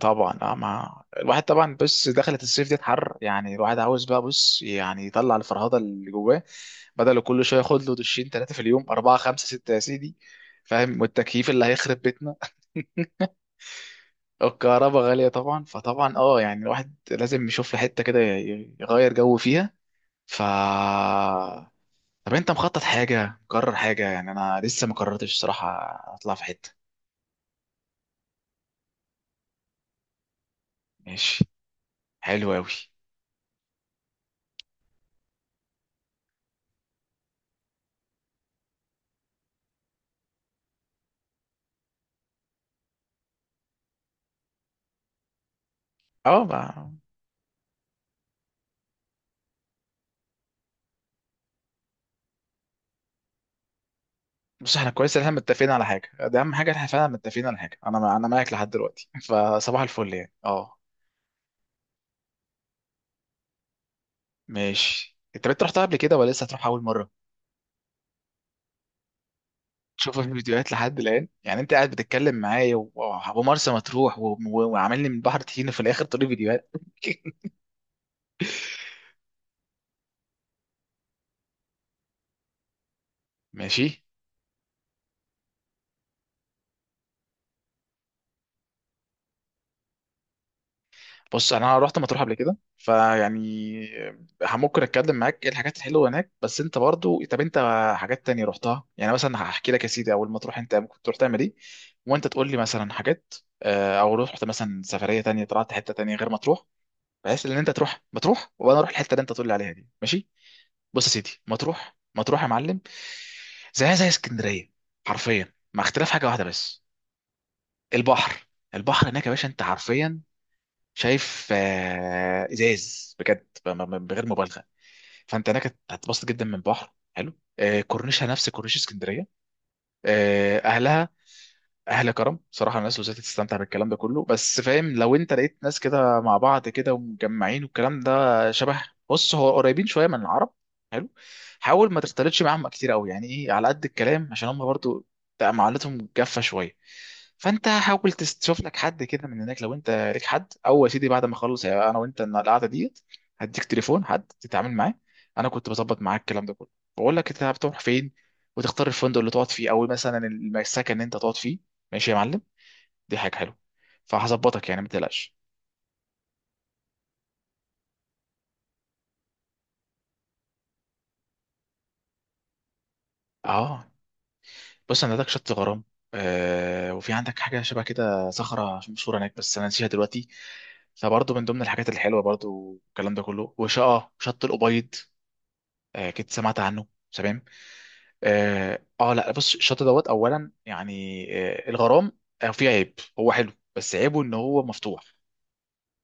طبعا ما الواحد طبعا، بص، دخلت الصيف دي حر، يعني الواحد عاوز بقى، بص يعني يطلع الفرهده اللي جواه، بدل كل شويه ياخد له دشين، ثلاثه في اليوم، اربعه، خمسه، سته، يا سيدي. فاهم؟ والتكييف اللي هيخرب بيتنا. الكهرباء غاليه طبعا. فطبعا يعني الواحد لازم يشوف له حته كده يغير جو فيها. ف طب انت مخطط حاجه؟ مقرر حاجه؟ يعني انا لسه ما قررتش الصراحه، اطلع في حته. ماشي، حلو قوي. اه، بص، احنا كويس ان احنا متفقين على حاجه، ده اهم حاجه، احنا فعلا متفقين على حاجه، انا معاك لحد دلوقتي، فصباح الفل يعني. اه، ماشي. انت بنت رحتها قبل كده ولا لسه هتروح اول مره؟ شوفها في الفيديوهات لحد الان يعني، انت قاعد بتتكلم معايا ومرسى مطروح وعاملني من بحر طحينه في الاخر تقولي فيديوهات. ماشي. بص انا رحت مطروح قبل كده فيعني ممكن اتكلم معاك ايه الحاجات الحلوه هناك، بس انت برضو، طب انت حاجات تانية رحتها؟ يعني مثلا هحكي لك يا سيدي اول ما تروح انت ممكن تروح تعمل ايه، وانت تقول لي مثلا حاجات. آه، او رحت مثلا سفريه تانية، طلعت حته تانية غير مطروح، بحيث ان انت تروح مطروح وانا اروح الحته اللي انت تقول لي عليها دي. ماشي. بص يا سيدي، مطروح يا معلم، زيها زي اسكندريه حرفيا، مع اختلاف حاجه واحده بس، البحر. البحر هناك يا باشا انت حرفيا شايف، آه، ازاز بجد، بغير مبالغه. فانت هناك هتتبسط جدا من بحر حلو، آه، كورنيشها نفس كورنيش اسكندريه، آه، اهلها اهل كرم صراحه، الناس لوزات، تستمتع بالكلام ده كله، بس فاهم لو انت لقيت ناس كده مع بعض كده ومجمعين والكلام ده شبه، بص هو قريبين شويه من العرب. حلو. حاول ما تختلطش معاهم كتير قوي يعني، ايه، على قد الكلام، عشان هم برضو بتبقى معاملتهم جافه شويه. فانت حاول تشوف لك حد كده من هناك، لو انت ليك حد، او يا سيدي بعد ما اخلص، يعني انا وانت القعده ديت، هديك تليفون حد تتعامل معاه. انا كنت بظبط معاك الكلام ده كله، بقول لك انت بتروح فين، وتختار الفندق اللي تقعد فيه، او مثلا السكن اللي انت تقعد فيه. ماشي يا معلم. دي حاجه حلوه. فهظبطك يعني، ما تقلقش. اه، بص، انا عندك شط غرام، آه، وفي عندك حاجه شبه كده صخره مشهوره هناك بس انا نسيها دلوقتي، فبرضه من ضمن الحاجات الحلوه برضه والكلام ده كله، وشقه شط الابيض. آه، كنت سمعت عنه، تمام. اه، آه، لا، بص الشط دوت اولا يعني، آه الغرام، آه فيه عيب، هو حلو بس عيبه ان هو مفتوح،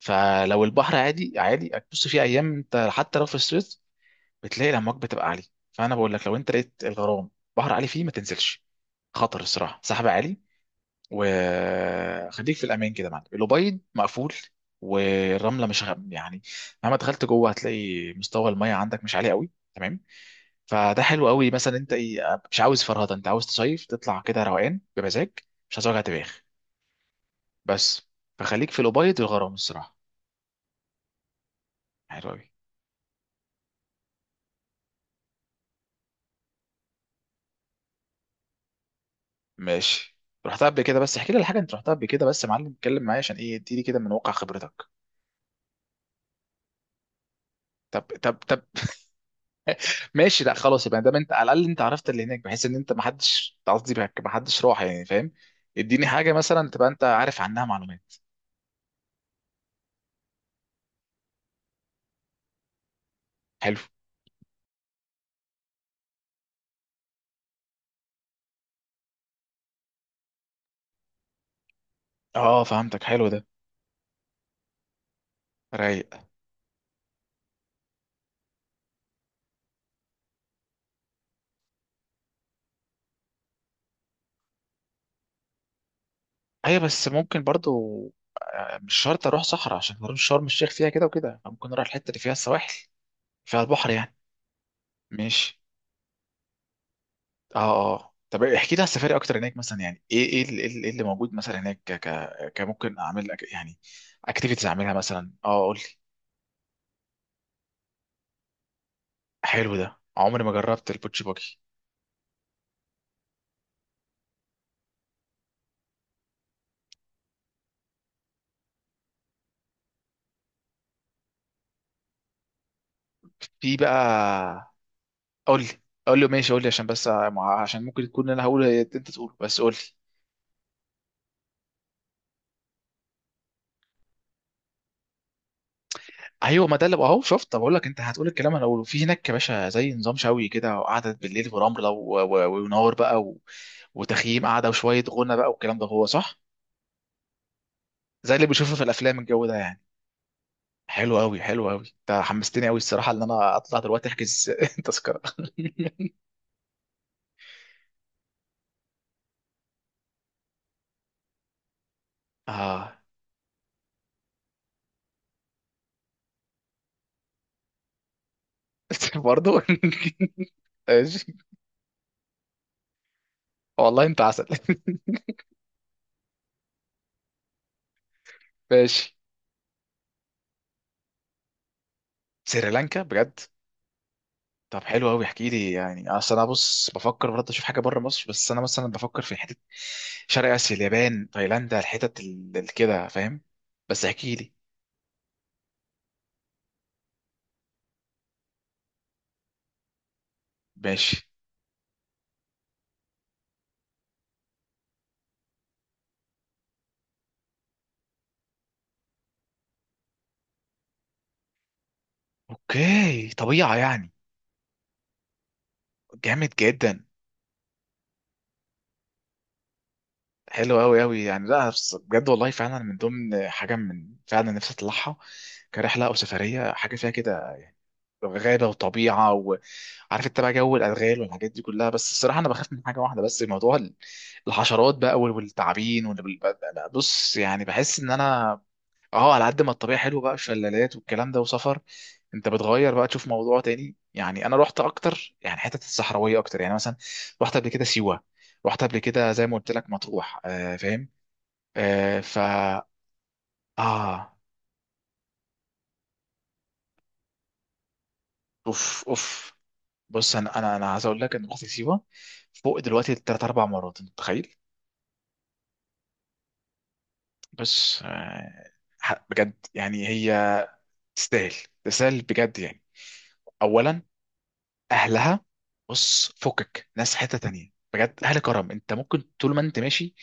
فلو البحر عادي عادي هتبص فيه ايام انت، حتى لو في الصيف بتلاقي الامواج بتبقى عاليه. فانا بقول لك لو انت لقيت الغرام بحر عالي فيه، ما تنزلش، خطر الصراحه، سحب عالي. وخليك في الامان كده يا معلم. الأبيض مقفول، والرمله مش غ... يعني مهما دخلت جوه هتلاقي مستوى الميه عندك مش عالي قوي. تمام. فده حلو قوي، مثلا انت ايه، مش عاوز فرهده، انت عاوز تصيف، تطلع كده روقان بمزاج، مش عايز وجع دماغ بس. فخليك في الأبيض والغرام الصراحه. حلو قوي. ماشي. رحتها قبل كده؟ بس احكي لي الحاجه، انت رحتها قبل كده، بس يا معلم اتكلم معايا عشان ايه، اديني كده من واقع خبرتك. طب ماشي، لا خلاص، يبقى دام انت على الاقل انت عرفت اللي هناك، بحيث ان انت ما حدش قصدي ما حدش راح يعني فاهم، اديني حاجه مثلا تبقى انت عارف عنها معلومات. حلو. اه، فهمتك، حلو ده. رايق. ايوه، بس ممكن برضو آه، مش شرط اروح صحراء عشان اروح شرم الشيخ، فيها كده وكده، ممكن اروح الحته اللي فيها السواحل، فيها البحر يعني. ماشي. اه. اه، طب احكي لي على السفاري اكتر هناك، مثلا يعني ايه، ايه اللي، إيه اللي موجود مثلا هناك، ك ك كممكن اعمل يعني اكتيفيتيز اعملها مثلا؟ اه، قول لي. حلو ده، عمري ما جربت البوتشي باجي. في بقى، قول لي قول لي ماشي، قول لي عشان بس عشان ممكن تكون انا هقول انت تقوله، بس قول لي. ايوه، ما ده اللي اهو شفت. طب اقول لك انت هتقول الكلام انا هقوله؟ في هناك يا باشا زي نظام شوي كده وقعدة بالليل ورمله ونار بقى و... وتخييم قاعده وشويه غنى بقى، والكلام ده هو صح؟ زي اللي بشوفه في الافلام الجو ده يعني. حلو قوي، انت حمستني قوي الصراحه ان انا اطلع دلوقتي احجز تذكره. اه. برضه. ماشي. والله انت عسل. ماشي. سريلانكا بجد؟ طب حلو قوي، احكي لي يعني، اصل انا بص بفكر برضه اشوف حاجه بره مصر، بس انا مثلا بفكر في حته شرق اسيا، اليابان، تايلاند، الحتت كده فاهم. بس احكي لي. ماشي. اوكي، طبيعه يعني. جامد جدا. حلو قوي يعني، لا بس بجد والله فعلا من ضمن حاجه من فعلا نفسي اطلعها كرحله او سفريه، حاجه فيها كده غابة وطبيعة، وعارف انت بقى جو الأدغال والحاجات دي كلها، بس الصراحة أنا بخاف من حاجة واحدة بس، موضوع الحشرات بقى والتعابين بص يعني بحس إن أنا، أه، على قد ما الطبيعة حلوة بقى، شلالات والكلام ده وسفر، أنت بتغير بقى تشوف موضوع تاني يعني. أنا رحت أكتر يعني حتة الصحراوية أكتر، يعني مثلا رحت قبل كده سيوة، رحت قبل كده زي ما قلت لك مطروح، آه فاهم. آه آه، أوف أوف. بص انا انا عايز اقول لك ان رحت سيوه فوق دلوقتي ثلاث اربع مرات، انت متخيل؟ بس آه، بجد يعني، هي تستاهل، تستاهل بجد يعني. اولا، اهلها، بص فكك، ناس حته تانية بجد، اهل كرم، انت ممكن طول ما انت ماشي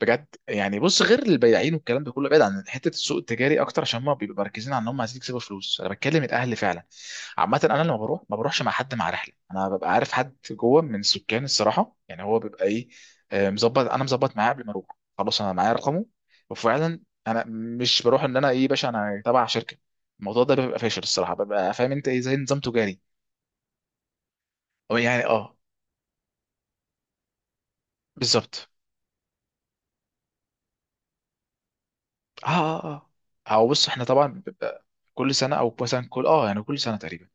بجد يعني. بص غير البياعين والكلام ده كله، بعيد عن حته السوق التجاري اكتر عشان هم بيبقوا مركزين على ان هم عايزين يكسبوا فلوس، انا بتكلم الاهل فعلا. عامه انا لما بروح ما بروحش مع حد مع رحله، انا ببقى عارف حد جوه من السكان الصراحه، يعني هو بيبقى ايه، آه، مظبط، انا مظبط معاه قبل ما اروح، خلاص انا معايا رقمه. وفعلا انا مش بروح ان انا ايه باشا انا تبع شركه، الموضوع ده بيبقى فاشل الصراحه، ببقى فاهم انت ايه، زي نظام تجاري. أو يعني اه. بالظبط. اه، اه، اه، او بص، احنا طبعا بيبقى كل سنه، او مثلا كل يعني كل سنه تقريبا،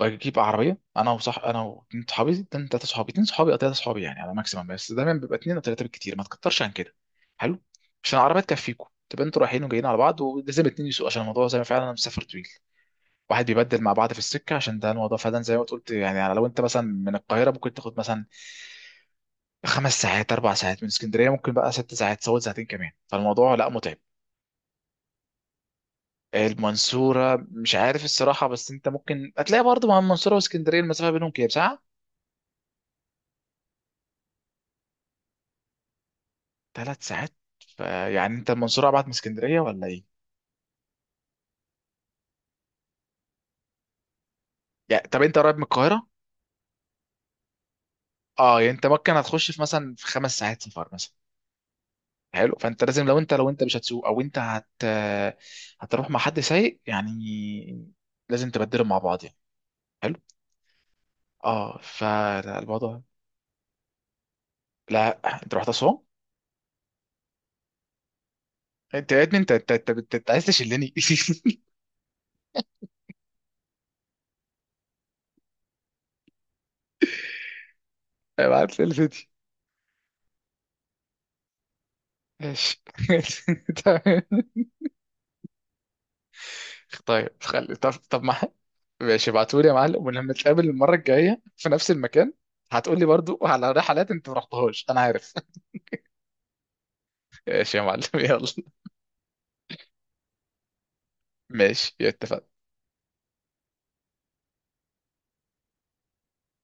بجيب عربيه انا، وصح انا واتنين صحابي، اتنين تلاته صحابي، اتنين صحابي او تلاته صحابي يعني على ماكسيمم، بس دايما بيبقى اتنين او تلاته بالكتير، ما تكترش عن كده. حلو. عشان العربيه تكفيكم، تبقى انتوا رايحين وجايين على بعض، ولازم اتنين يسوقوا عشان الموضوع، زي ما فعلا انا مسافر طويل، واحد بيبدل مع بعض في السكه، عشان ده الموضوع فعلا زي ما قلت يعني. يعني لو انت مثلا من القاهره ممكن تاخد مثلا 5 ساعات، 4 ساعات، من اسكندريه ممكن بقى 6 ساعات تزود ساعتين كمان، فالموضوع لا متعب. المنصورة مش عارف الصراحة، بس انت ممكن هتلاقي برضه، مع المنصورة واسكندرية المسافة بينهم كام ساعة؟ 3 ساعات. فيعني انت المنصورة ابعد من اسكندرية ولا ايه؟ يعني طب انت قريب من القاهرة؟ اه، يعني انت ممكن هتخش في مثلا في 5 ساعات سفر مثلا. حلو. فانت لازم، لو انت مش هتسوق او انت هتروح مع حد سايق يعني، لازم تبدلهم مع بعض يعني. حلو. اه، فالموضوع. لا، انت رحت اسوان؟ انت يا ابني، انت عايز تشلني؟ ابعت لي الفيديو. ماشي. تمام. طيب خلي، طب ما ماشي، ابعتولي يا معلم، ولما نتقابل المرة الجاية في نفس المكان هتقولي برضو على رحلات انت ما رحتهاش انا عارف. ماشي يا معلم، يلا. ماشي، اتفقنا.